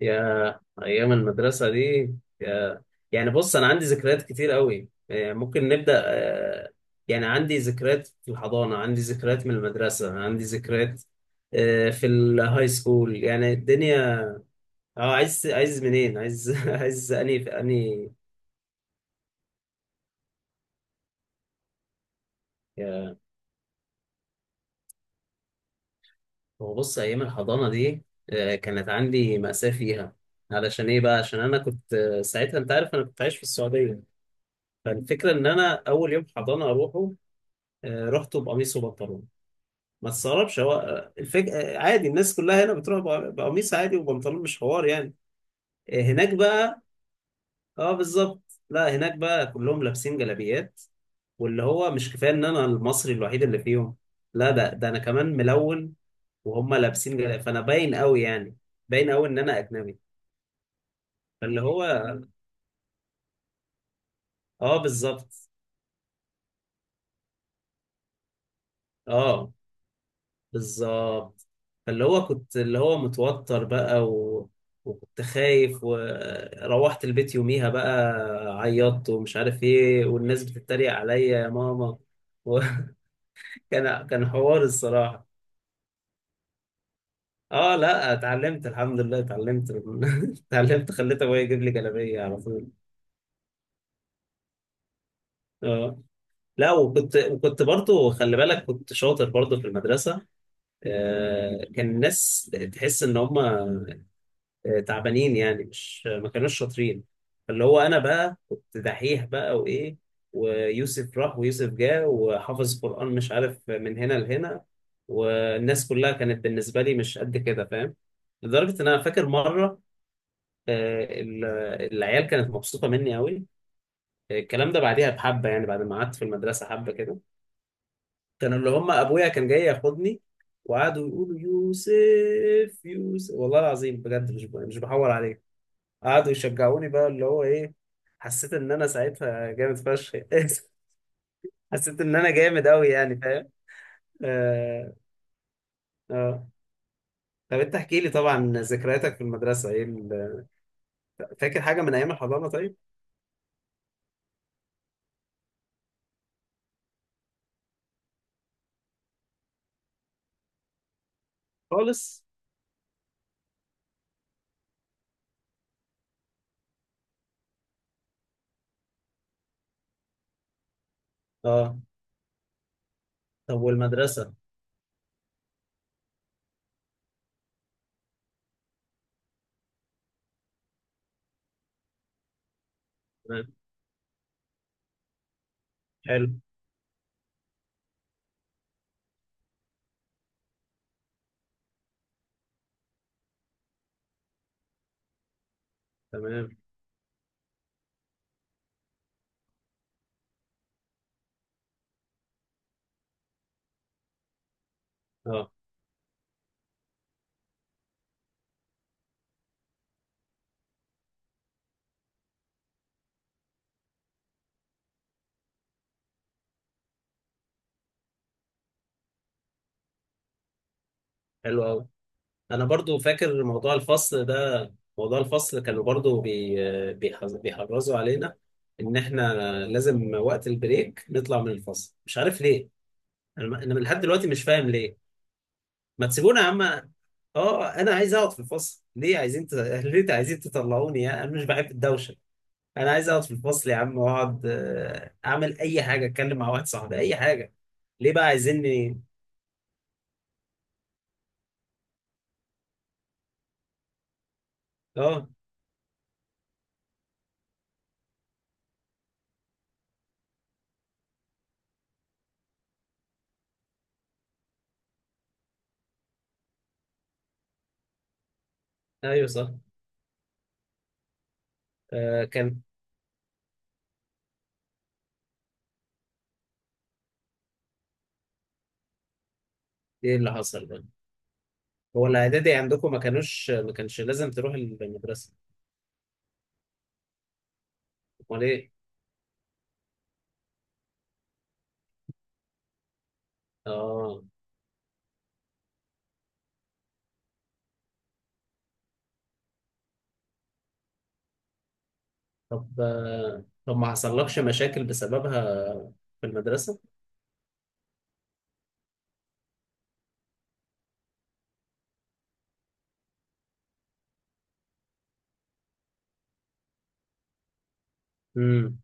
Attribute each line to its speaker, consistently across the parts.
Speaker 1: يا ايام المدرسه دي، يا يعني بص انا عندي ذكريات كتير قوي. يعني ممكن نبدا. يعني عندي ذكريات في الحضانه، عندي ذكريات من المدرسه، عندي ذكريات في الهاي سكول. يعني الدنيا. اه عايز عايز منين عايز عايز اني في اني يا- هو بص، ايام الحضانه دي كانت عندي مأساة فيها. علشان ايه بقى؟ عشان انا كنت ساعتها، انت عارف انا كنت عايش في السعوديه. فالفكره ان انا اول يوم حضانه اروحه، رحته بقميص وبنطلون. ما تستغربش، هو آه، الفك... آه، عادي الناس كلها هنا بتروح بقميص عادي وبنطلون، مش حوار يعني. هناك بقى اه بالظبط، لا هناك بقى كلهم لابسين جلابيات. واللي هو مش كفايه ان انا المصري الوحيد اللي فيهم، لا ده انا كمان ملون وهم لابسين جلابيات، فانا باين قوي يعني، باين قوي ان انا اجنبي. فاللي هو اه بالظبط، اه بالظبط، فاللي هو كنت اللي هو متوتر بقى وكنت خايف، وروحت البيت يوميها بقى، عيطت ومش عارف ايه، والناس بتتريق عليا يا ماما. وكان كان حوار الصراحة. اه لا اتعلمت، الحمد لله اتعلمت اتعلمت، خليت ابويا يجيب لي جلابية على طول. اه لا وكنت برضو، خلي بالك، كنت شاطر برضو في المدرسة. كان الناس تحس ان هم تعبانين يعني، مش ما كانوش شاطرين. فاللي هو انا بقى كنت دحيح بقى وايه، ويوسف راح ويوسف جه وحافظ قرآن مش عارف من هنا لهنا. والناس كلها كانت بالنسبة لي مش قد كده، فاهم؟ لدرجة ان انا فاكر مرة آه، ال- العيال كانت مبسوطة مني قوي. الكلام ده بعديها بحبة، يعني بعد ما قعدت في المدرسة حبة كده، كانوا اللي هم ابويا كان جاي ياخدني وقعدوا يقولوا يوسف يوسف، والله العظيم بجد مش بحور عليك. قعدوا يشجعوني بقى اللي هو ايه، حسيت ان انا ساعتها جامد فشخ حسيت ان انا جامد قوي يعني، فاهم؟ اه اه. طب انت احكي لي طبعا ذكرياتك في المدرسه ايه فاكر حاجه من ايام الحضانه؟ طيب خالص. اه طب والمدرسه. تمام، حلو، تمام. اه حلو قوي. انا برضو فاكر موضوع الفصل ده، موضوع الفصل كانوا برضو بيحرصوا علينا ان احنا لازم وقت البريك نطلع من الفصل، مش عارف ليه. انا لحد دلوقتي مش فاهم ليه. ما تسيبونا يا عم، اه انا عايز اقعد في الفصل. ليه عايزين ليه عايزين تطلعوني يا؟ انا مش بحب الدوشه، انا عايز اقعد في الفصل يا عم واقعد، اعمل اي حاجه، اتكلم مع واحد صاحبي، اي حاجه. ليه بقى عايزيني؟ اه ايوه صح. آه كان ايه اللي حصل بقى؟ هو الاعدادي عندكم ما كانش لازم تروح المدرسه؟ امال ايه. اه طب طب ما حصلكش مشاكل بسببها في المدرسه؟ امم.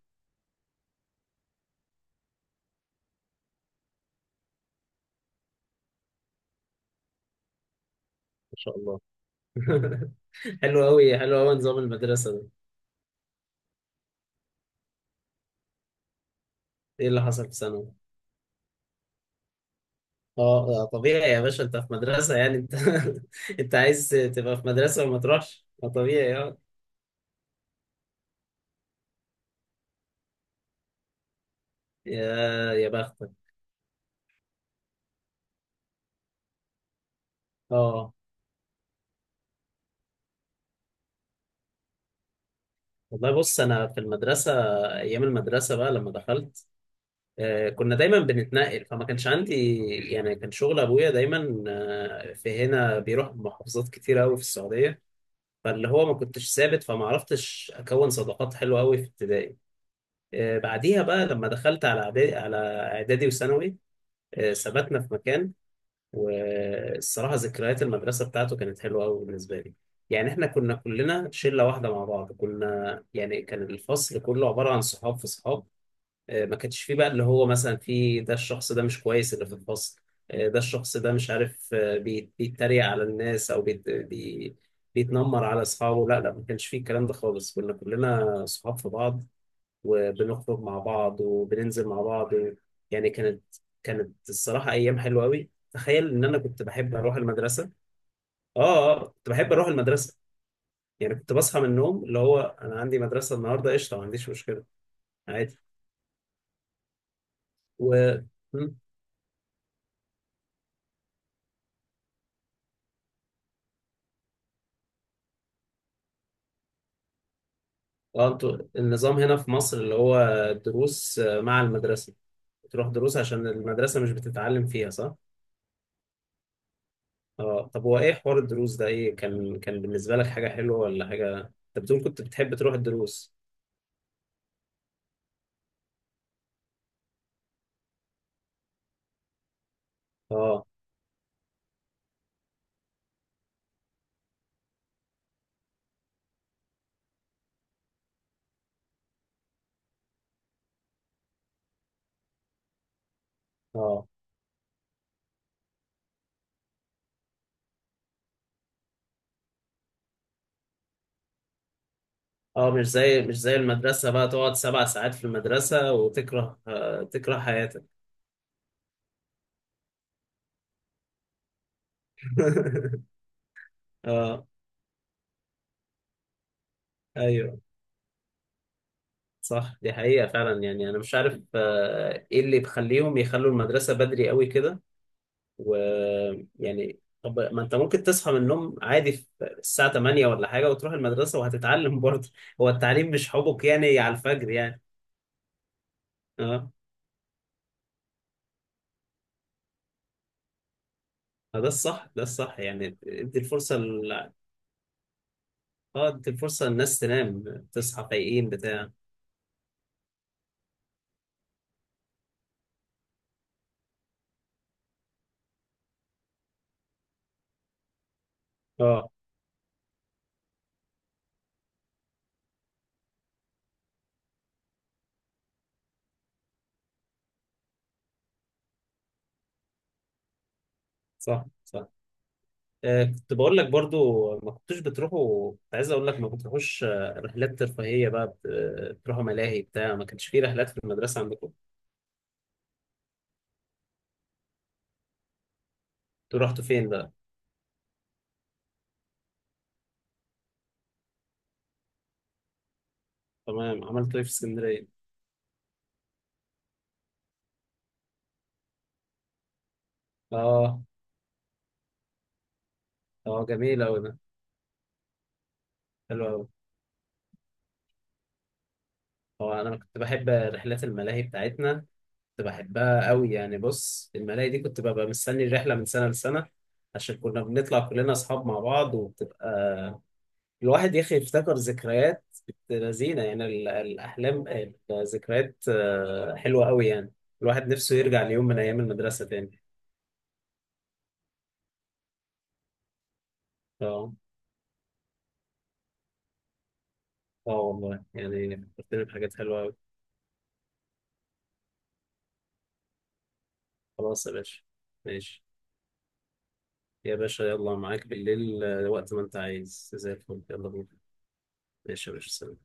Speaker 1: ما شاء الله حلو قوي حلو قوي نظام المدرسة ده. ايه اللي حصل في ثانوي؟ اه طبيعي يا باشا، انت في مدرسة يعني. انت انت عايز تبقى في مدرسة وما تروحش؟ ما طبيعي، اه. يا يا بختك. اه والله بص، انا في المدرسة، ايام المدرسة بقى لما دخلت، آه كنا دايما بنتنقل، فما كانش عندي يعني. كان شغل ابويا دايما آه في هنا، بيروح محافظات كتير قوي في السعودية. فاللي هو ما كنتش ثابت، فما عرفتش اكون صداقات حلوة قوي في ابتدائي. بعديها بقى لما دخلت على اعدادي وثانوي، ثبتنا في مكان. والصراحه ذكريات المدرسه بتاعته كانت حلوه قوي بالنسبه لي. يعني احنا كنا كلنا شله واحده مع بعض، كنا يعني، كان الفصل كله عباره عن صحاب في صحاب. ما كانش فيه بقى اللي هو مثلا في ده، الشخص ده مش كويس اللي في الفصل. ده الشخص ده مش عارف، بيتريق على الناس، او بيتنمر على اصحابه. لا لا، ما كانش فيه الكلام ده خالص. كنا كلنا صحاب في بعض، وبنخرج مع بعض، وبننزل مع بعض. يعني كانت الصراحة أيام حلوة أوي. تخيل إن أنا كنت بحب أروح المدرسة. آه آه، كنت بحب أروح المدرسة. يعني كنت بصحى من النوم، اللي هو أنا عندي مدرسة النهاردة قشطة، ما عنديش مشكلة. عادي. و م؟ آه أنتوا النظام هنا في مصر اللي هو دروس، مع المدرسة. تروح دروس عشان المدرسة مش بتتعلم فيها، صح؟ آه طب هو إيه حوار الدروس ده؟ إيه كان بالنسبة لك، حاجة حلوة ولا حاجة؟ أنت بتقول كنت بتحب تروح الدروس. آه آه. اه مش زي المدرسة بقى، تقعد سبع ساعات في المدرسة وتكره، آه تكره حياتك. اه ايوه صح. دي حقيقة فعلا. يعني انا مش عارف آه ايه اللي بيخليهم يخلوا المدرسة بدري قوي كده. ويعني طب ما انت ممكن تصحى من النوم عادي في الساعة 8 ولا حاجة، وتروح المدرسة وهتتعلم برضه. هو التعليم مش حبك يعني على الفجر يعني. اه ده الصح ده الصح. يعني ادي الفرصة اه ادي الفرصة للناس تنام، تصحى فايقين بتاع. اه صح صح. آه كنت بقول لك، برضو ما كنتوش بتروحوا. كنت عايز اقول لك ما بتروحوش رحلات ترفيهيه بقى بتروحوا ملاهي بتاع؟ ما كانش في رحلات في المدرسه عندكم؟ انتوا رحتوا فين بقى؟ تمام، عملتوا ايه في اسكندريه؟ اه اه، جميل قوي ده. حلو قوي. هو انا كنت بحب رحلات الملاهي بتاعتنا، كنت بحبها قوي يعني. بص الملاهي دي كنت ببقى مستني الرحله من سنه لسنه، عشان كنا بنطلع كلنا اصحاب مع بعض، وبتبقى الواحد يا اخي يفتكر ذكريات بنت لذينه. يعني الاحلام، الذكريات حلوه قوي يعني. الواحد نفسه يرجع ليوم من ايام المدرسه تاني. اه اه، والله يعني فكرتني بحاجات حلوه قوي. خلاص يا باشا، ماشي يا باشا، يلا معاك بالليل. وقت ما انت عايز زي الفل، يلا بينا. ماشي يا باشا، سلام.